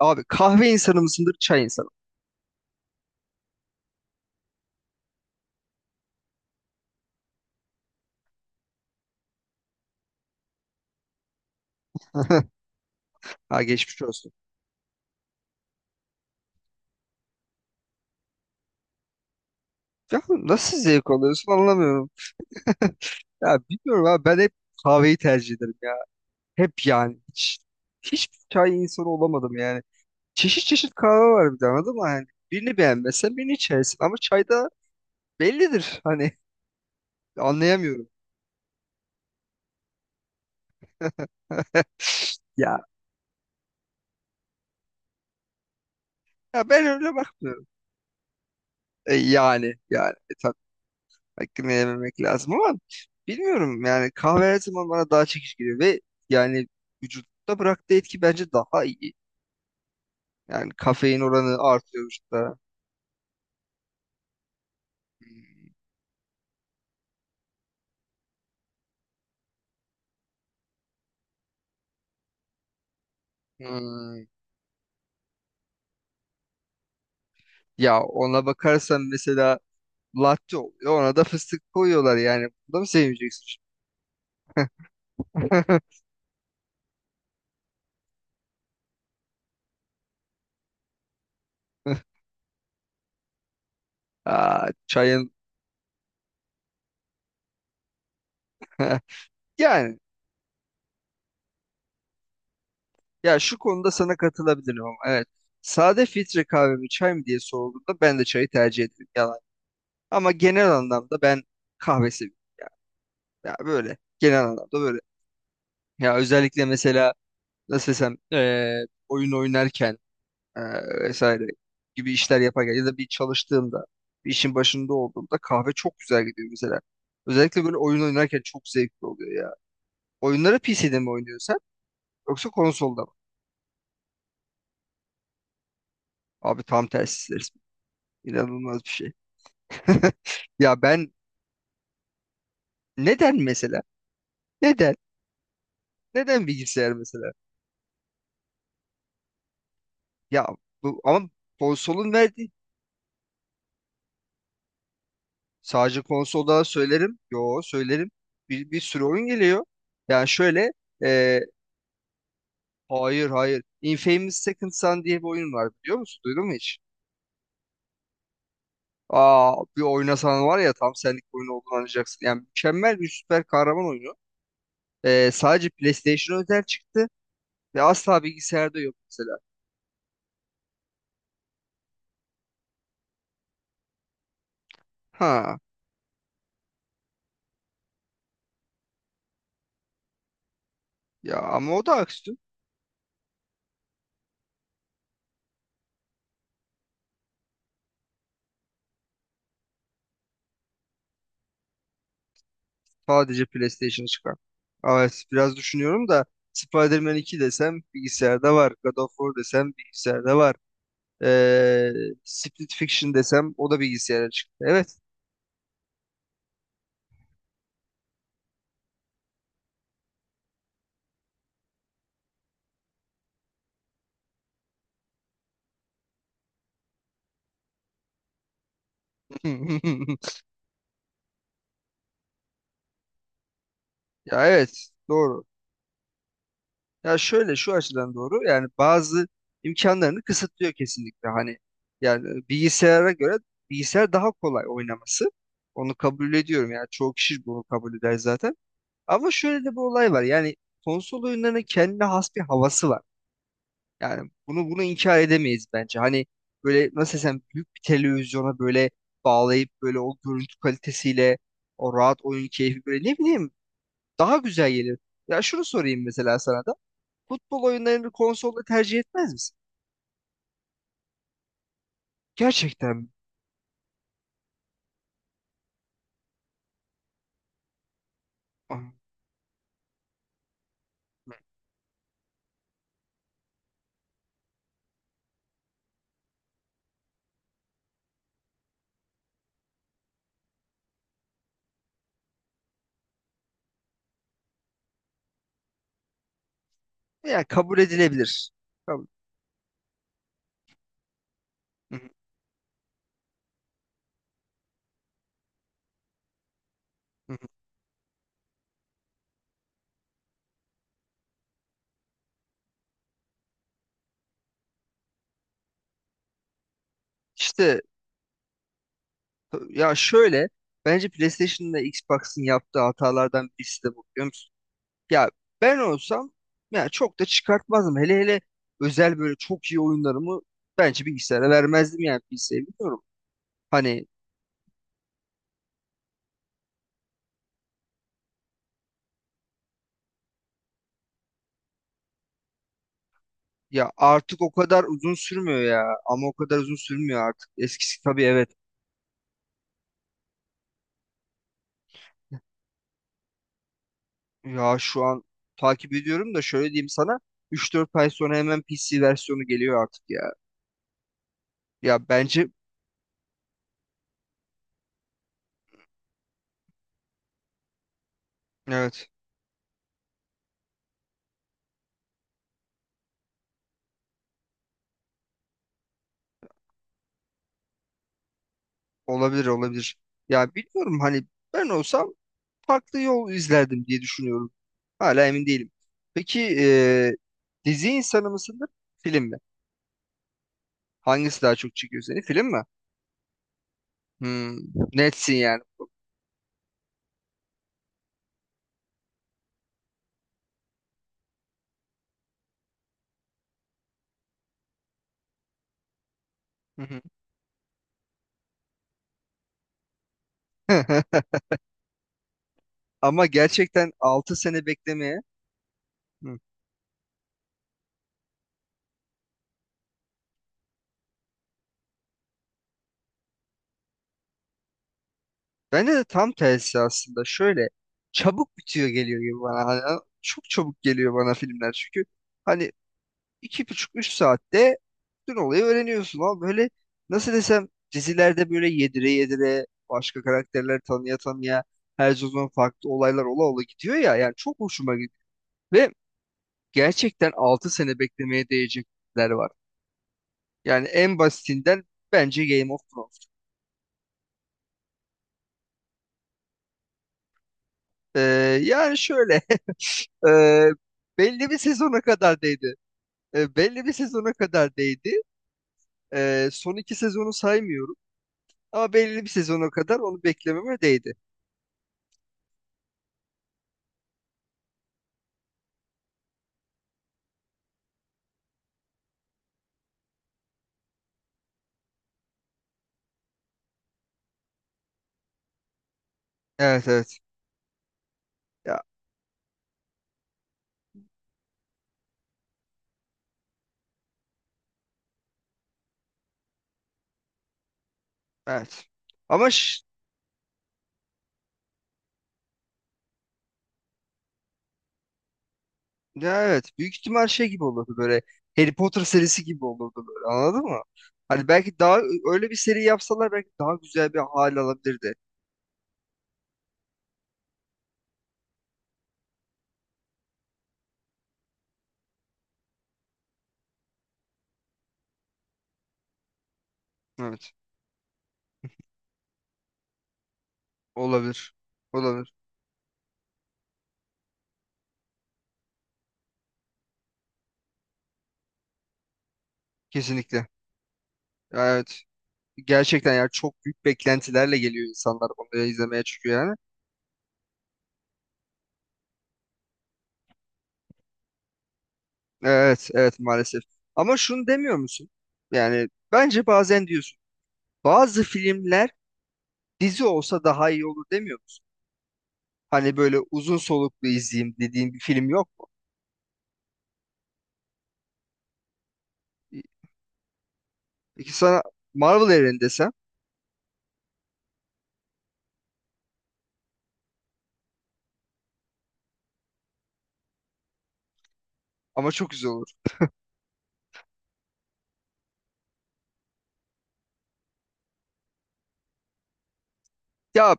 Abi kahve insanı mısındır, çay insanı? Ha geçmiş olsun. Ya nasıl zevk alıyorsun anlamıyorum. Ya bilmiyorum abi ben hep kahveyi tercih ederim ya. Hep yani. Hiçbir çay insanı olamadım yani. Çeşit çeşit kahve var bir de anladın mı? Yani birini beğenmezsen birini içersin ama çayda bellidir. Hani anlayamıyorum. Ya, ya, ben öyle bakmıyorum. Yani, tabii. Beklememek lazım ama bilmiyorum yani kahve her zaman bana daha çekici geliyor ve yani vücutta bıraktığı etki bence daha iyi. Yani kafein oranı artıyor vücutta. Hmm. Ya ona bakarsan mesela latte oluyor ona da fıstık koyuyorlar yani. Bunu da mı sevmeyeceksin? Aa, çayın. Yani, ya şu konuda sana katılabilirim ama evet. Sade filtre kahve mi çay mı diye sorulduğunda ben de çayı tercih ederim, yalan. Ama genel anlamda ben kahve seviyorum. Ya böyle genel anlamda böyle. Ya özellikle mesela, nasıl desem, oyun oynarken, eee, vesaire gibi işler yaparken ya da bir çalıştığımda, bir işin başında olduğumda kahve çok güzel gidiyor mesela. Özellikle böyle oyun oynarken çok zevkli oluyor ya. Oyunları PC'de mi oynuyorsun sen, yoksa konsolda mı? Abi tam tersi resmen. İnanılmaz bir şey. Ya ben, neden mesela? Neden? Neden bilgisayar mesela? Ya bu ama, konsolun verdiği. Sadece konsolda söylerim. Yo, söylerim. Bir sürü oyun geliyor. Yani şöyle e, hayır, hayır. Infamous Second Son diye bir oyun var, biliyor musun? Duydun mu hiç? Aa, bir oynasan var ya, tam senlik bir oyun olduğunu anlayacaksın. Yani mükemmel bir süper kahraman oyunu. Sadece PlayStation özel çıktı ve asla bilgisayarda yok mesela. Ha, ya ama o da aksiyon. Sadece PlayStation çıkar. Evet, biraz düşünüyorum da, Spider-Man 2 desem bilgisayarda var. God of War desem bilgisayarda var. Ee, Split Fiction desem o da bilgisayara çıktı. Evet. Ya evet, doğru. Ya şöyle, şu açıdan doğru yani, bazı imkanlarını kısıtlıyor kesinlikle. Hani, yani bilgisayara göre bilgisayar daha kolay oynaması. Onu kabul ediyorum, yani çoğu kişi bunu kabul eder zaten. Ama şöyle de bir olay var yani, konsol oyunlarının kendine has bir havası var. Yani bunu inkar edemeyiz bence. Hani böyle, nasıl desem, büyük bir televizyona böyle bağlayıp, böyle o görüntü kalitesiyle, o rahat oyun keyfi, böyle ne bileyim, daha güzel gelir. Ya şunu sorayım mesela sana da. Futbol oyunlarını konsolda tercih etmez misin? Gerçekten mi? Ah. Ya, kabul edilebilir. Kabul. Hı hı, hı hı. İşte, ya şöyle, bence PlayStation'la Xbox'ın yaptığı hatalardan birisi de bu, biliyor musun? Ya, ben olsam ya çok da çıkartmazdım. Hele hele özel böyle çok iyi oyunlarımı bence bilgisayara vermezdim, yani bilgisayarı bilmiyorum. Hani ya, artık o kadar uzun sürmüyor ya, ama o kadar uzun sürmüyor artık. Eskisi tabii, evet. Ya şu an takip ediyorum da, şöyle diyeyim sana, 3-4 ay sonra hemen PC versiyonu geliyor artık ya. Ya bence evet, olabilir olabilir. Ya bilmiyorum, hani ben olsam farklı yol izlerdim diye düşünüyorum. Hala emin değilim. Peki, dizi insanı mısındır, film mi? Hangisi daha çok çekiyor seni? Film mi? Hmm, netsin yani. Hı hı. Ama gerçekten 6 sene beklemeye. Hı. Bende de tam tersi aslında. Şöyle, çabuk bitiyor, geliyor gibi bana. Hani, çok çabuk geliyor bana filmler. Çünkü hani, 2,5-3 saatte bütün olayı öğreniyorsun, ama böyle, nasıl desem, dizilerde böyle yedire yedire, başka karakterler tanıya tanıya, her sezon farklı olaylar ola ola gidiyor ya, yani çok hoşuma gidiyor ve gerçekten 6 sene beklemeye değecekler var. Yani en basitinden, bence Game of Thrones. Ee, yani şöyle, e, belli bir sezona kadar değdi. Belli bir sezona kadar değdi. Son iki sezonu saymıyorum, ama belli bir sezona kadar onu beklememe değdi. Evet, evet. Ya, evet. Ama ş- Ya evet, büyük ihtimal şey gibi olurdu, böyle Harry Potter serisi gibi olurdu böyle, anladın mı? Hani belki daha, öyle bir seri yapsalar, belki daha güzel bir hal alabilirdi. Evet. Olabilir. Olabilir. Kesinlikle. Ya, evet. Gerçekten ya, çok büyük beklentilerle geliyor insanlar, onu izlemeye çıkıyor yani. Evet, evet, maalesef. Ama şunu demiyor musun? Yani bence bazen diyorsun. Bazı filmler dizi olsa daha iyi olur, demiyor musun? Hani böyle uzun soluklu izleyeyim dediğin bir film yok mu? Peki sana Marvel evreni desem, ama çok güzel olur. Ya,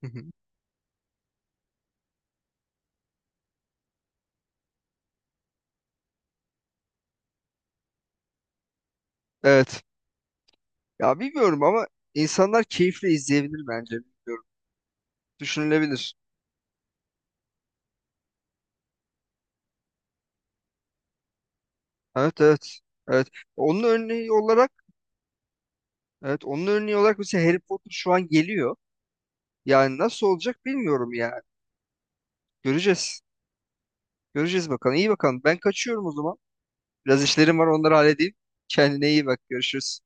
hı hı. Evet. Ya bilmiyorum ama, insanlar keyifle izleyebilir bence. Bilmiyorum. Düşünülebilir. Evet, evet. Evet. Onun örneği olarak evet onun örneği olarak mesela Harry Potter şu an geliyor. Yani nasıl olacak bilmiyorum yani. Göreceğiz. Göreceğiz bakalım. İyi bakalım. Ben kaçıyorum o zaman. Biraz işlerim var, onları halledeyim. Kendine iyi bak. Görüşürüz.